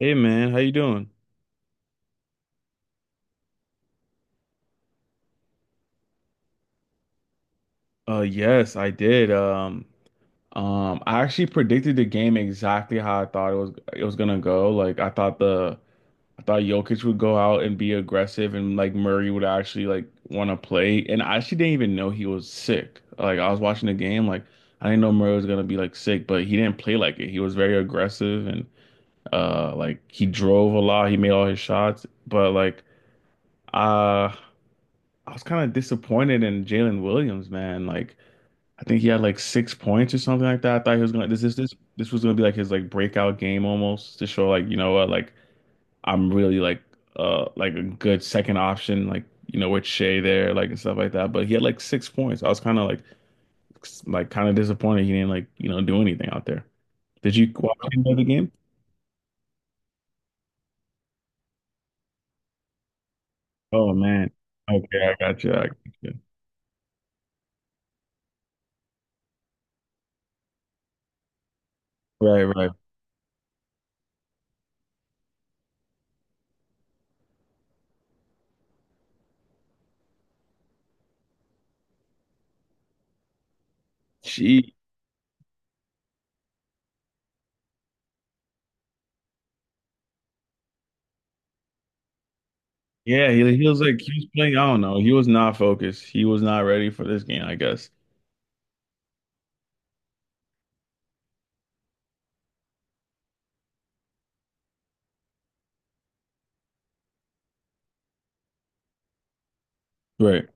Hey man, how you doing? Yes, I did. I actually predicted the game exactly how I thought it was gonna go. Like I thought the I thought Jokic would go out and be aggressive and like Murray would actually like want to play. And I actually didn't even know he was sick. Like I was watching the game, like I didn't know Murray was gonna be like sick, but he didn't play like it. He was very aggressive and like he drove a lot, he made all his shots, but like uh I was kind of disappointed in Jalen Williams, man. Like I think he had like 6 points or something like that. I thought he was gonna this is this this was gonna be like his like breakout game almost to show like you know what like I'm really like a good second option like you know with Shea there like and stuff like that. But he had like 6 points. I was kind of like like kind of disappointed he didn't like do anything out there. Did you watch any of the game? Oh man. Okay, I got you. I got you. Right, right. She, yeah, he was like he was playing. I don't know. He was not focused. He was not ready for this game, I guess. Right.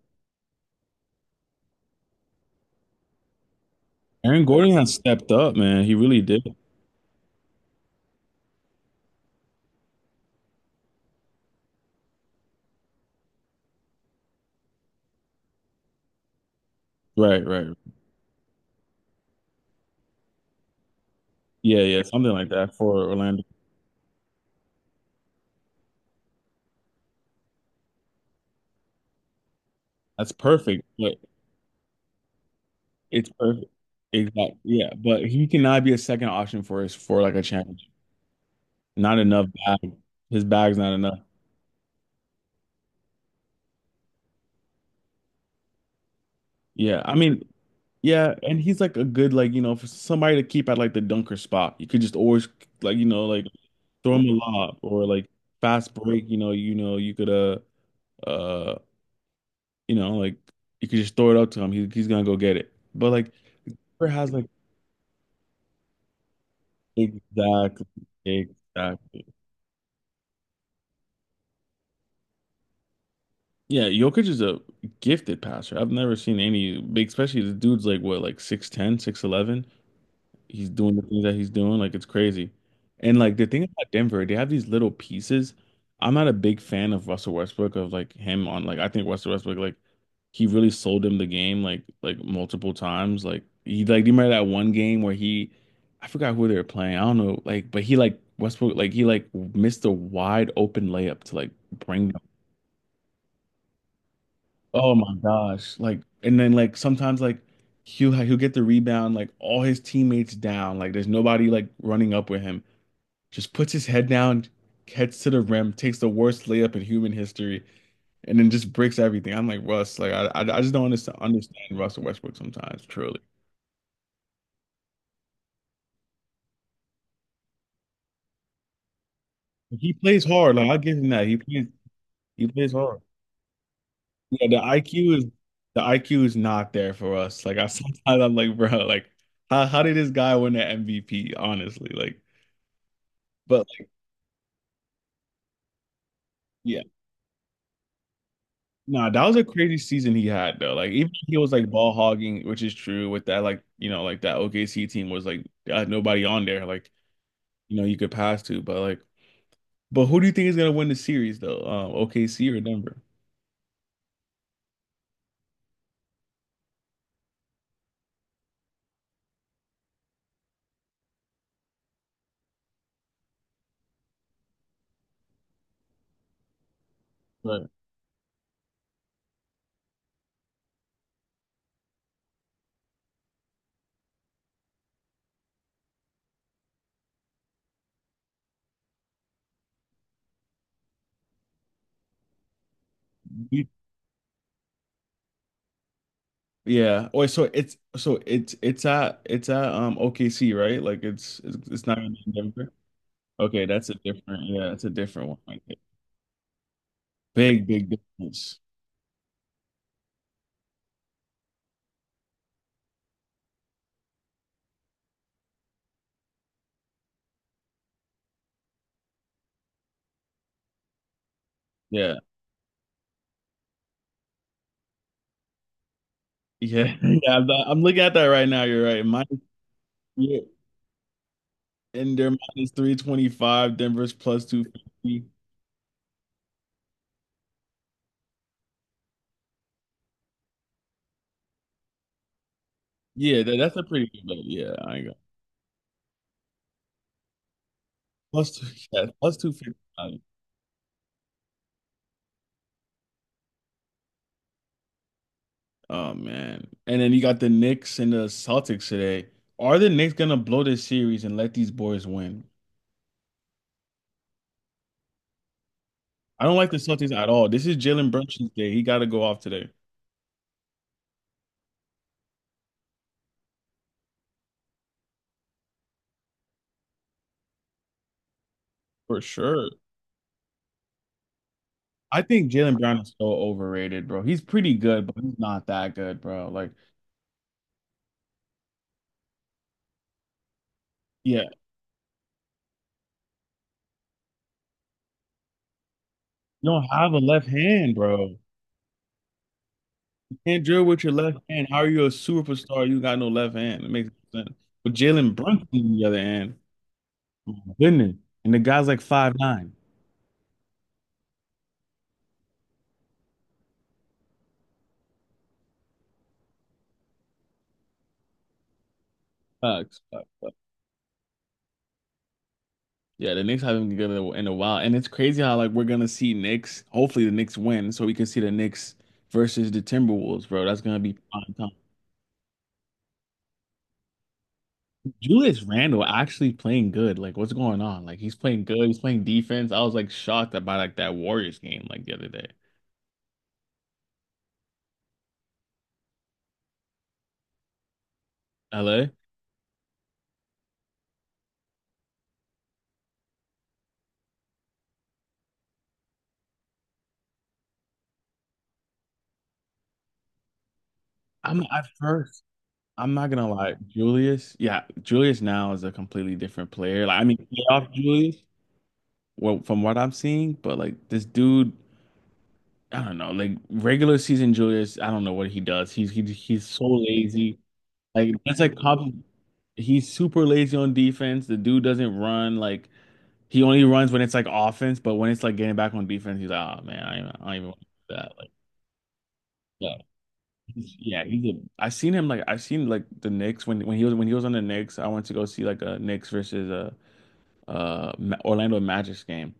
Aaron Gordon has stepped up, man. He really did. Right, right. Yeah, yeah, something like that for Orlando. That's perfect, but It's perfect. Exactly. Yeah, but he cannot be a second option for us for like a championship. Not enough bag. His bag's not enough. Yeah, I mean, yeah, and he's like a good like you know for somebody to keep at like the dunker spot. You could just always like you know like throw him a lob or like fast break. You know you could uh you know, like you could just throw it up to him. He's gonna go get it. But like Cooper has like exactly, exactly. Yeah, Jokic is a gifted passer. I've never seen any big, especially the dude's like what, like 6'10", 6'11". He's doing the things that he's doing. Like it's crazy. And like the thing about Denver, they have these little pieces. I'm not a big fan of Russell Westbrook of like him on like I think Russell Westbrook like he really sold him the game like multiple times. Like he like do you remember that one game where he I forgot who they were playing. I don't know. Like but he like Westbrook like he like missed a wide open layup to like bring them. Oh my gosh. Like and then like sometimes like he'll get the rebound like all his teammates down. Like there's nobody like running up with him, just puts his head down, heads to the rim, takes the worst layup in human history, and then just breaks everything. I'm like Russ, like just don't understand Russell Westbrook sometimes. Truly, he plays hard. Like I give him that. He plays hard. Yeah, the IQ is not there for us. Like I sometimes I'm like, bro, like how did this guy win the MVP? Honestly, like, but like, yeah, Nah, that was a crazy season he had though. Like even he was like ball hogging, which is true with that like you know like that OKC team was like nobody on there like you know you could pass to, but like but who do you think is gonna win the series though? OKC or Denver? Right. You- Yeah. Wait, so it's at OKC, right? Like it's not in Denver. Okay, that's a different, yeah, it's a different one. Like, big big difference. Yeah. Yeah. Yeah, I'm looking at that right now. You're right. Mine. Yeah, and they're minus 325. Denver's plus 250. Yeah, that's a pretty good bet. Yeah, I ain't got plus two, yeah, plus 250. Oh man. And then you got the Knicks and the Celtics today. Are the Knicks gonna blow this series and let these boys win? I don't like the Celtics at all. This is Jalen Brunson's day. He gotta go off today for sure. I think Jalen Brown is so overrated, bro. He's pretty good, but he's not that good, bro. Like, yeah, you don't have a left hand, bro. Can't drill with your left hand. How are you a superstar? You got no left hand. It makes no sense. But Jalen Brunson on the other hand, oh my goodness, and the guy's like 5'9". Sucks, sucks, sucks. Yeah, the Knicks haven't been good in a while, and it's crazy how like we're gonna see Knicks. Hopefully, the Knicks win, so we can see the Knicks versus the Timberwolves, bro. That's gonna be prime time. Julius Randle actually playing good. Like, what's going on? Like, he's playing good. He's playing defense. I was like shocked about like that Warriors game like the other day. LA. I'm at first. I'm not gonna lie, Julius. Yeah, Julius now is a completely different player. Like, I mean, playoff Julius, well, from what I'm seeing, but like this dude, I don't know. Like regular season Julius, I don't know what he does. He's so lazy. Like that's like he's super lazy on defense. The dude doesn't run. Like he only runs when it's like offense, but when it's like getting back on defense, he's like, oh man, I don't even want to do that. Like, yeah. Yeah, he's a. I seen him like I seen like the Knicks when he was when he was on the Knicks. I went to go see like a Knicks versus a Orlando Magic's game,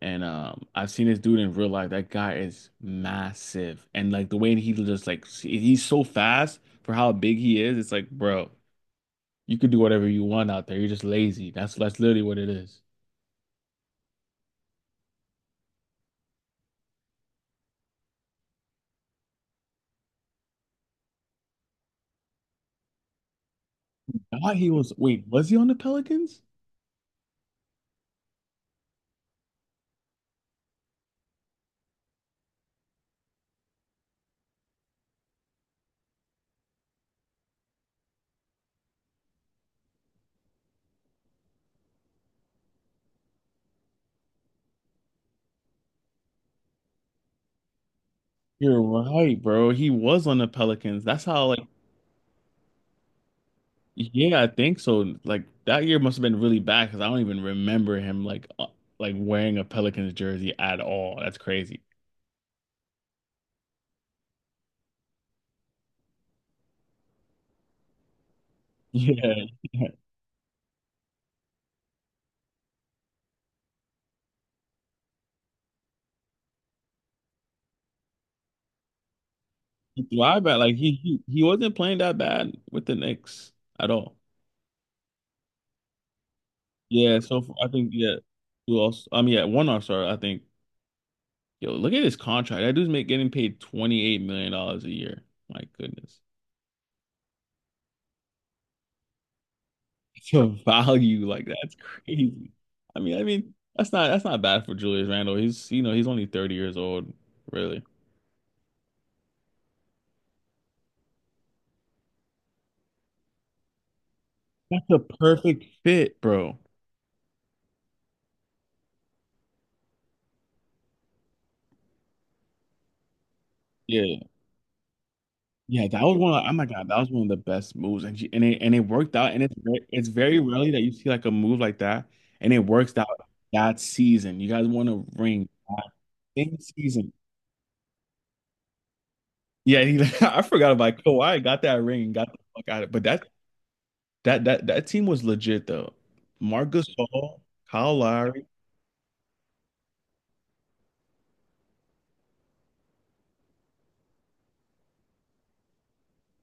and I've seen this dude in real life. That guy is massive, and like the way he just like he's so fast for how big he is. It's like, bro, you could do whatever you want out there. You're just lazy. That's literally what it is. God, he was. Wait, was he on the Pelicans? You're right, bro. He was on the Pelicans. That's how like yeah, I think so. Like that year must have been really bad because I don't even remember him like wearing a Pelicans jersey at all. That's crazy. Yeah, he thrived at like he he wasn't playing that bad with the Knicks at all. Yeah, so I think yeah, who else? I mean, yeah, one all star. I think yo, look at his contract. Getting paid $28 million a year. My goodness, it's a value like that's crazy. I mean that's not bad for Julius Randle. He's you know he's only 30 years old. Really. That's a perfect fit, bro. Yeah. Yeah, that was one of, oh my God, that was one of the best moves. And it worked out. And it's very rarely that you see like a move like that and it works out that season. You guys won a ring same season. Yeah, I forgot about Kawhi got that ring, got the fuck out of it. But that that team was legit though. Marc Gasol, Kyle Lowry,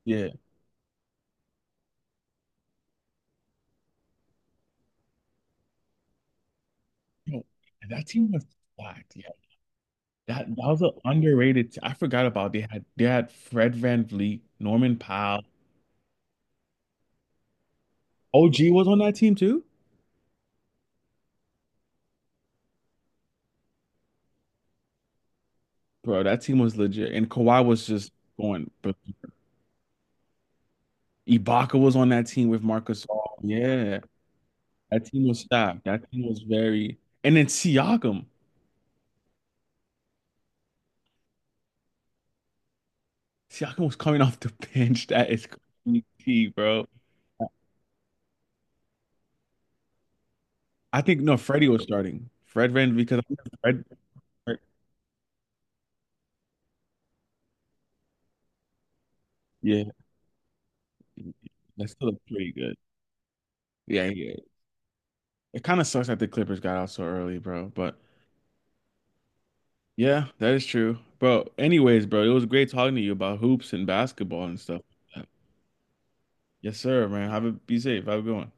yeah. Yo, that team was stacked. That that was an underrated. I forgot about they had Fred VanVleet, Norman Powell. OG was on that team too, bro. That team was legit, and Kawhi was just going berserk. Ibaka was on that team with Marcus. All. Yeah, that team was stacked. That team was very. And then Siakam, Siakam was coming off the bench. That is crazy, bro. I think no, Freddie was starting. Fred Van because I think Fred, Fred- yeah, that's still pretty good. Yeah, yeah. It kind of sucks that the Clippers got out so early, bro. But yeah, that is true. Bro, anyways, bro, it was great talking to you about hoops and basketball and stuff like that. Yes, sir, man. Have a be safe. Have a good one.